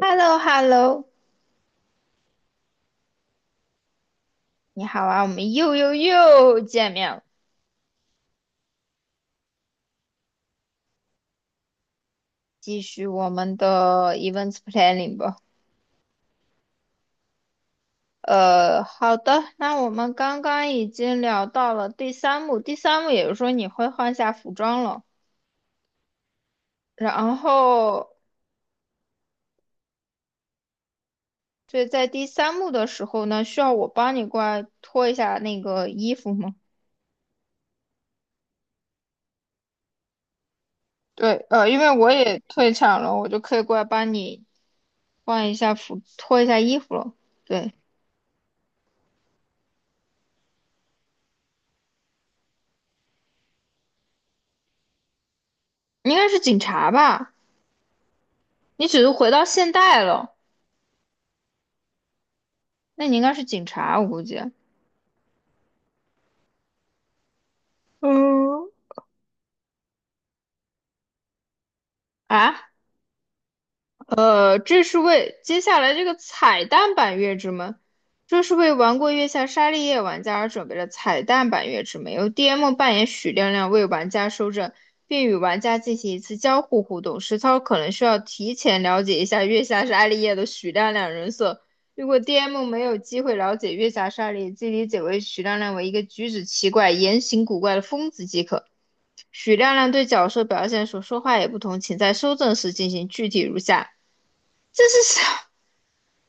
h e l l o h e l l o 你好啊，我们又又又见面了，继续我们的 events planning 吧。好的，那我们刚刚已经聊到了第三幕，第三幕也就是说你会换下服装了，然后所以在第三幕的时候呢，需要我帮你过来脱一下那个衣服吗？对，因为我也退场了，我就可以过来帮你换一下服，脱一下衣服了。对，应该是警察吧？你只是回到现代了，那你应该是警察，我估计。嗯，啊，这是为接下来这个彩蛋版月之门，这是为玩过《月下沙利叶》玩家而准备的彩蛋版月之门，由 DM 扮演许亮亮为玩家收证，并与玩家进行一次交互互动。实操可能需要提前了解一下《月下沙利叶》的许亮亮人设，如果 DM 没有机会了解《月下沙利叶》，即理解为许亮亮为一个举止奇怪、言行古怪的疯子即可。许亮亮对角色表现所说话也不同，请在收证时进行，具体如下。这是啥？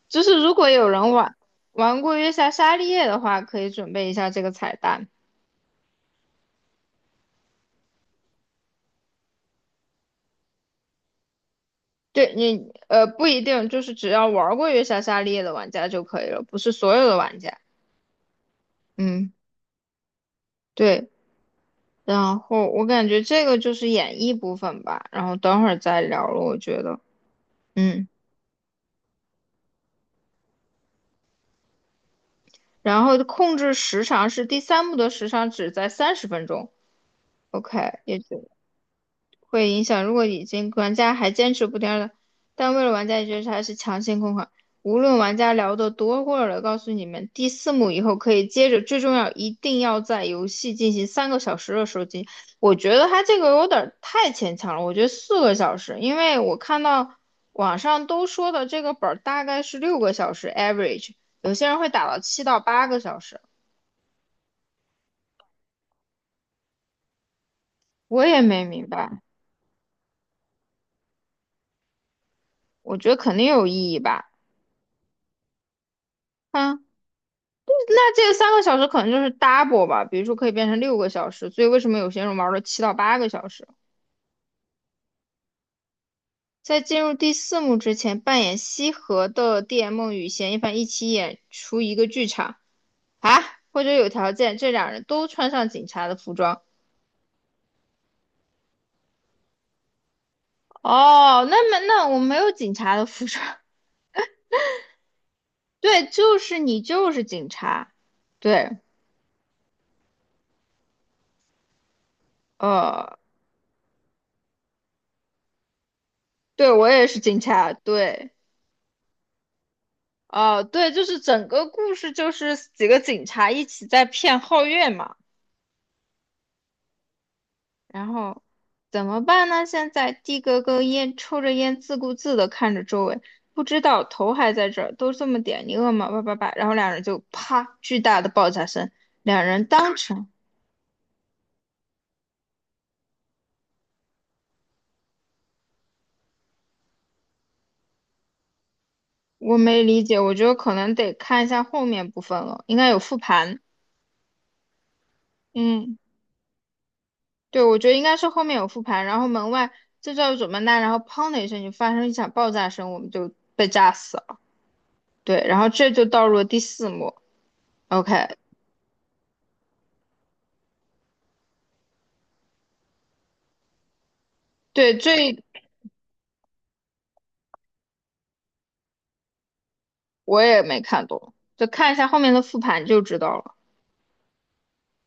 就是如果有人玩过月下沙利叶的话，可以准备一下这个彩蛋。对你，不一定，就是只要玩过月下沙利叶的玩家就可以了，不是所有的玩家。嗯，对。然后我感觉这个就是演绎部分吧，然后等会儿再聊了，我觉得。嗯，然后控制时长是第三幕的时长只在30分钟。OK，也就会影响。如果已经玩家还坚持不掉了，但为了玩家也觉得它是强行控款，无论玩家聊得多过了，告诉你们，第四幕以后可以接着。最重要，一定要在游戏进行三个小时的收集。我觉得它这个有点儿太牵强了，我觉得4个小时，因为我看到网上都说的这个本儿大概是六个小时 average，有些人会打到七到八个小时，我也没明白，我觉得肯定有意义吧。啊。那这个三个小时可能就是 double 吧，比如说可以变成六个小时，所以为什么有些人玩了七到八个小时？在进入第四幕之前，扮演西河的 D M 与嫌疑犯一起演出一个剧场啊，或者有条件，这两人都穿上警察的服装。哦，那么那我没有警察的服装，对，就是你就是警察，对，呃，对我也是警察，对，哦，对，就是整个故事就是几个警察一起在骗皓月嘛。然后怎么办呢？现在的哥哥烟抽着烟，自顾自地看着周围，不知道头还在这儿，都这么点，你饿吗？叭叭叭，然后两人就啪，巨大的爆炸声，两人当场，我没理解，我觉得可能得看一下后面部分了，应该有复盘，嗯，对，我觉得应该是后面有复盘，然后门外这叫怎么呢？然后砰的一声就发生一场爆炸声，我们就被炸死了，对，然后这就到入了第四幕，OK。对，最。我也没看懂，就看一下后面的复盘就知道了。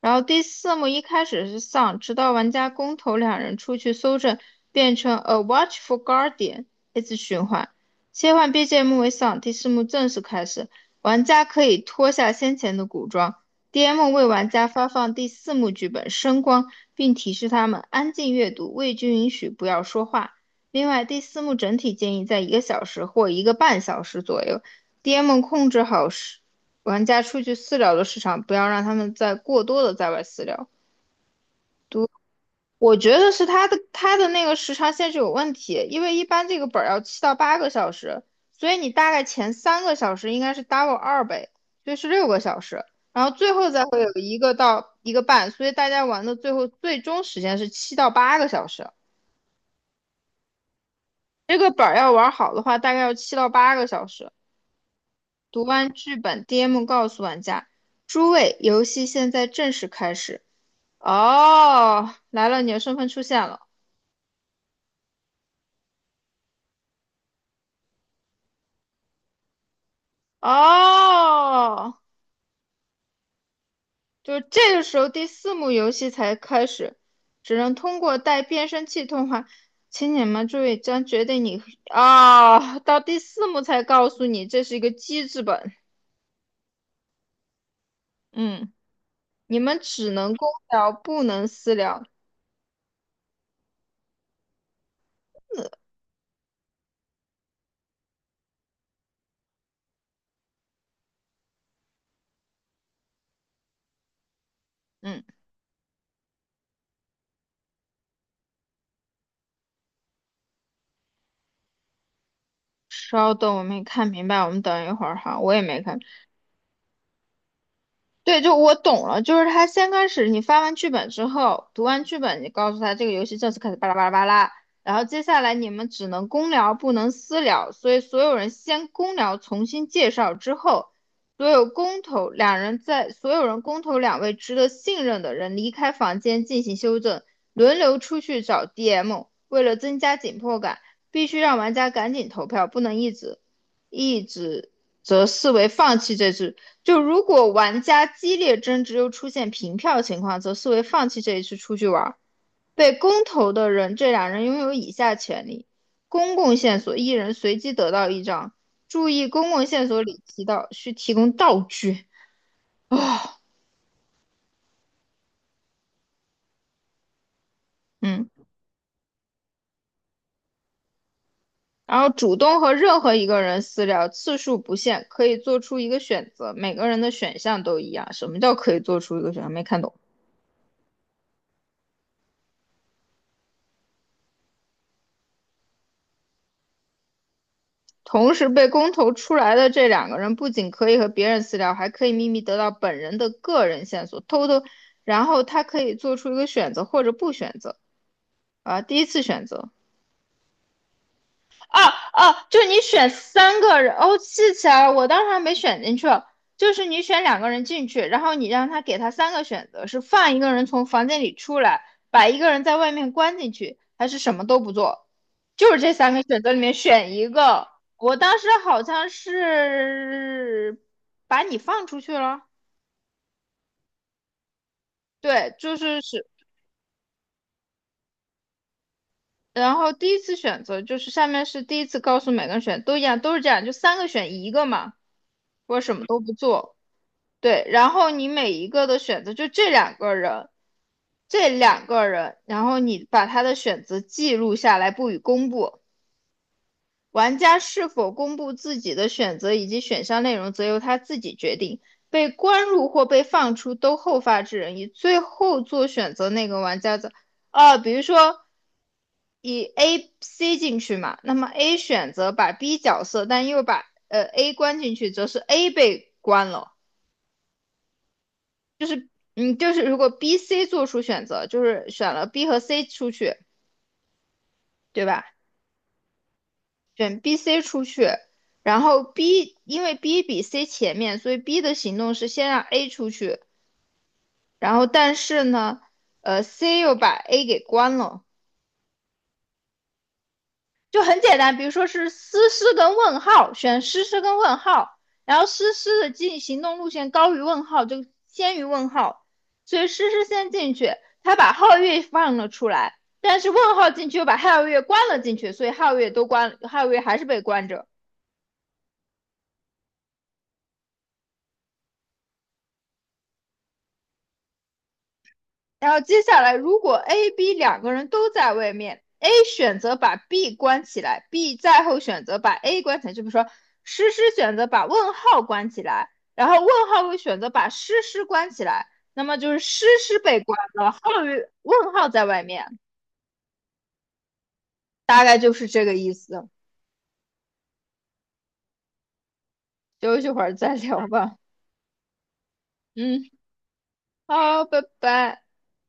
然后第四幕一开始是 Sun，直到玩家公投两人出去搜证，变成 A Watchful Guardian，一直循环，切换 BGM 为 Sun。第四幕正式开始，玩家可以脱下先前的古装，DM 为玩家发放第四幕剧本声光，并提示他们安静阅读，未经允许不要说话。另外，第四幕整体建议在一个小时或一个半小时左右，DM 控制好时。玩家出去私聊的时长，不要让他们再过多的在外私聊。我觉得是他的那个时长限制有问题，因为一般这个本要七到八个小时，所以你大概前三个小时应该是 double 2倍，所以是六个小时，然后最后再会有一个到一个半，所以大家玩的最后最终时间是七到八个小时。这个本儿要玩好的话，大概要七到八个小时。读完剧本，DM 告诉玩家：诸位，游戏现在正式开始。哦，来了，你的身份出现了。哦，就这个时候第四幕游戏才开始，只能通过带变声器通话。请你们注意，将决定你啊，到第四幕才告诉你这是一个机制本。嗯，你们只能公聊，不能私聊。嗯，稍等，我没看明白，我们等一会儿哈，我也没看。对，就我懂了，就是他先开始你发完剧本之后，读完剧本，你告诉他这个游戏正式开始，巴拉巴拉巴拉，然后接下来你们只能公聊，不能私聊，所以所有人先公聊，重新介绍之后，所有公投两人在所有人公投两位值得信任的人离开房间进行修正，轮流出去找 DM，为了增加紧迫感，必须让玩家赶紧投票，不能一直则视为放弃这局。就如果玩家激烈争执又出现平票情况，则视为放弃这一次出去玩。被公投的人，这两人拥有以下权利：公共线索，一人随机得到一张。注意，公共线索里提到需提供道具。嗯，然后主动和任何一个人私聊，次数不限，可以做出一个选择。每个人的选项都一样。什么叫可以做出一个选项？没看懂。同时被公投出来的这两个人，不仅可以和别人私聊，还可以秘密得到本人的个人线索，偷偷，然后他可以做出一个选择或者不选择。第一次选择。哦哦，就是你选三个人，哦，记起来了，我当时还没选进去，就是你选两个人进去，然后你让他给他三个选择，是放一个人从房间里出来，把一个人在外面关进去，还是什么都不做，就是这三个选择里面选一个。我当时好像是把你放出去了，对，就是是，然后第一次选择就是下面是第一次告诉每个人选，都一样，都是这样，就三个选一个嘛，我什么都不做。对，然后你每一个的选择，就这两个人，这两个人，然后你把他的选择记录下来，不予公布。玩家是否公布自己的选择以及选项内容，则由他自己决定。被关入或被放出都后发制人，以最后做选择那个玩家的。比如说以 A、C 进去嘛，那么 A 选择把 B 角色，但又把A 关进去，则是 A 被关了。嗯，就是如果 B、C 做出选择，就是选了 B 和 C 出去，对吧？选 B、C 出去，然后 B 因为 B 比 C 前面，所以 B 的行动是先让 A 出去，然后但是呢，C 又把 A 给关了，就很简单，比如说是诗诗跟问号，选诗诗跟问号，然后诗诗的进行动路线高于问号，就先于问号，所以诗诗先进去，他把皓月放了出来，但是问号进去又把皓月关了进去，所以皓月都关，皓月还是被关着。然后接下来，如果 A、B 两个人都在外面，A 选择把 B 关起来，B 再后选择把 A 关起来，就比如说诗诗选择把问号关起来，然后问号会选择把诗诗关起来，那么就是诗诗被关了，后问号在外面，大概就是这个意思。休息会儿再聊吧。嗯，好，拜拜。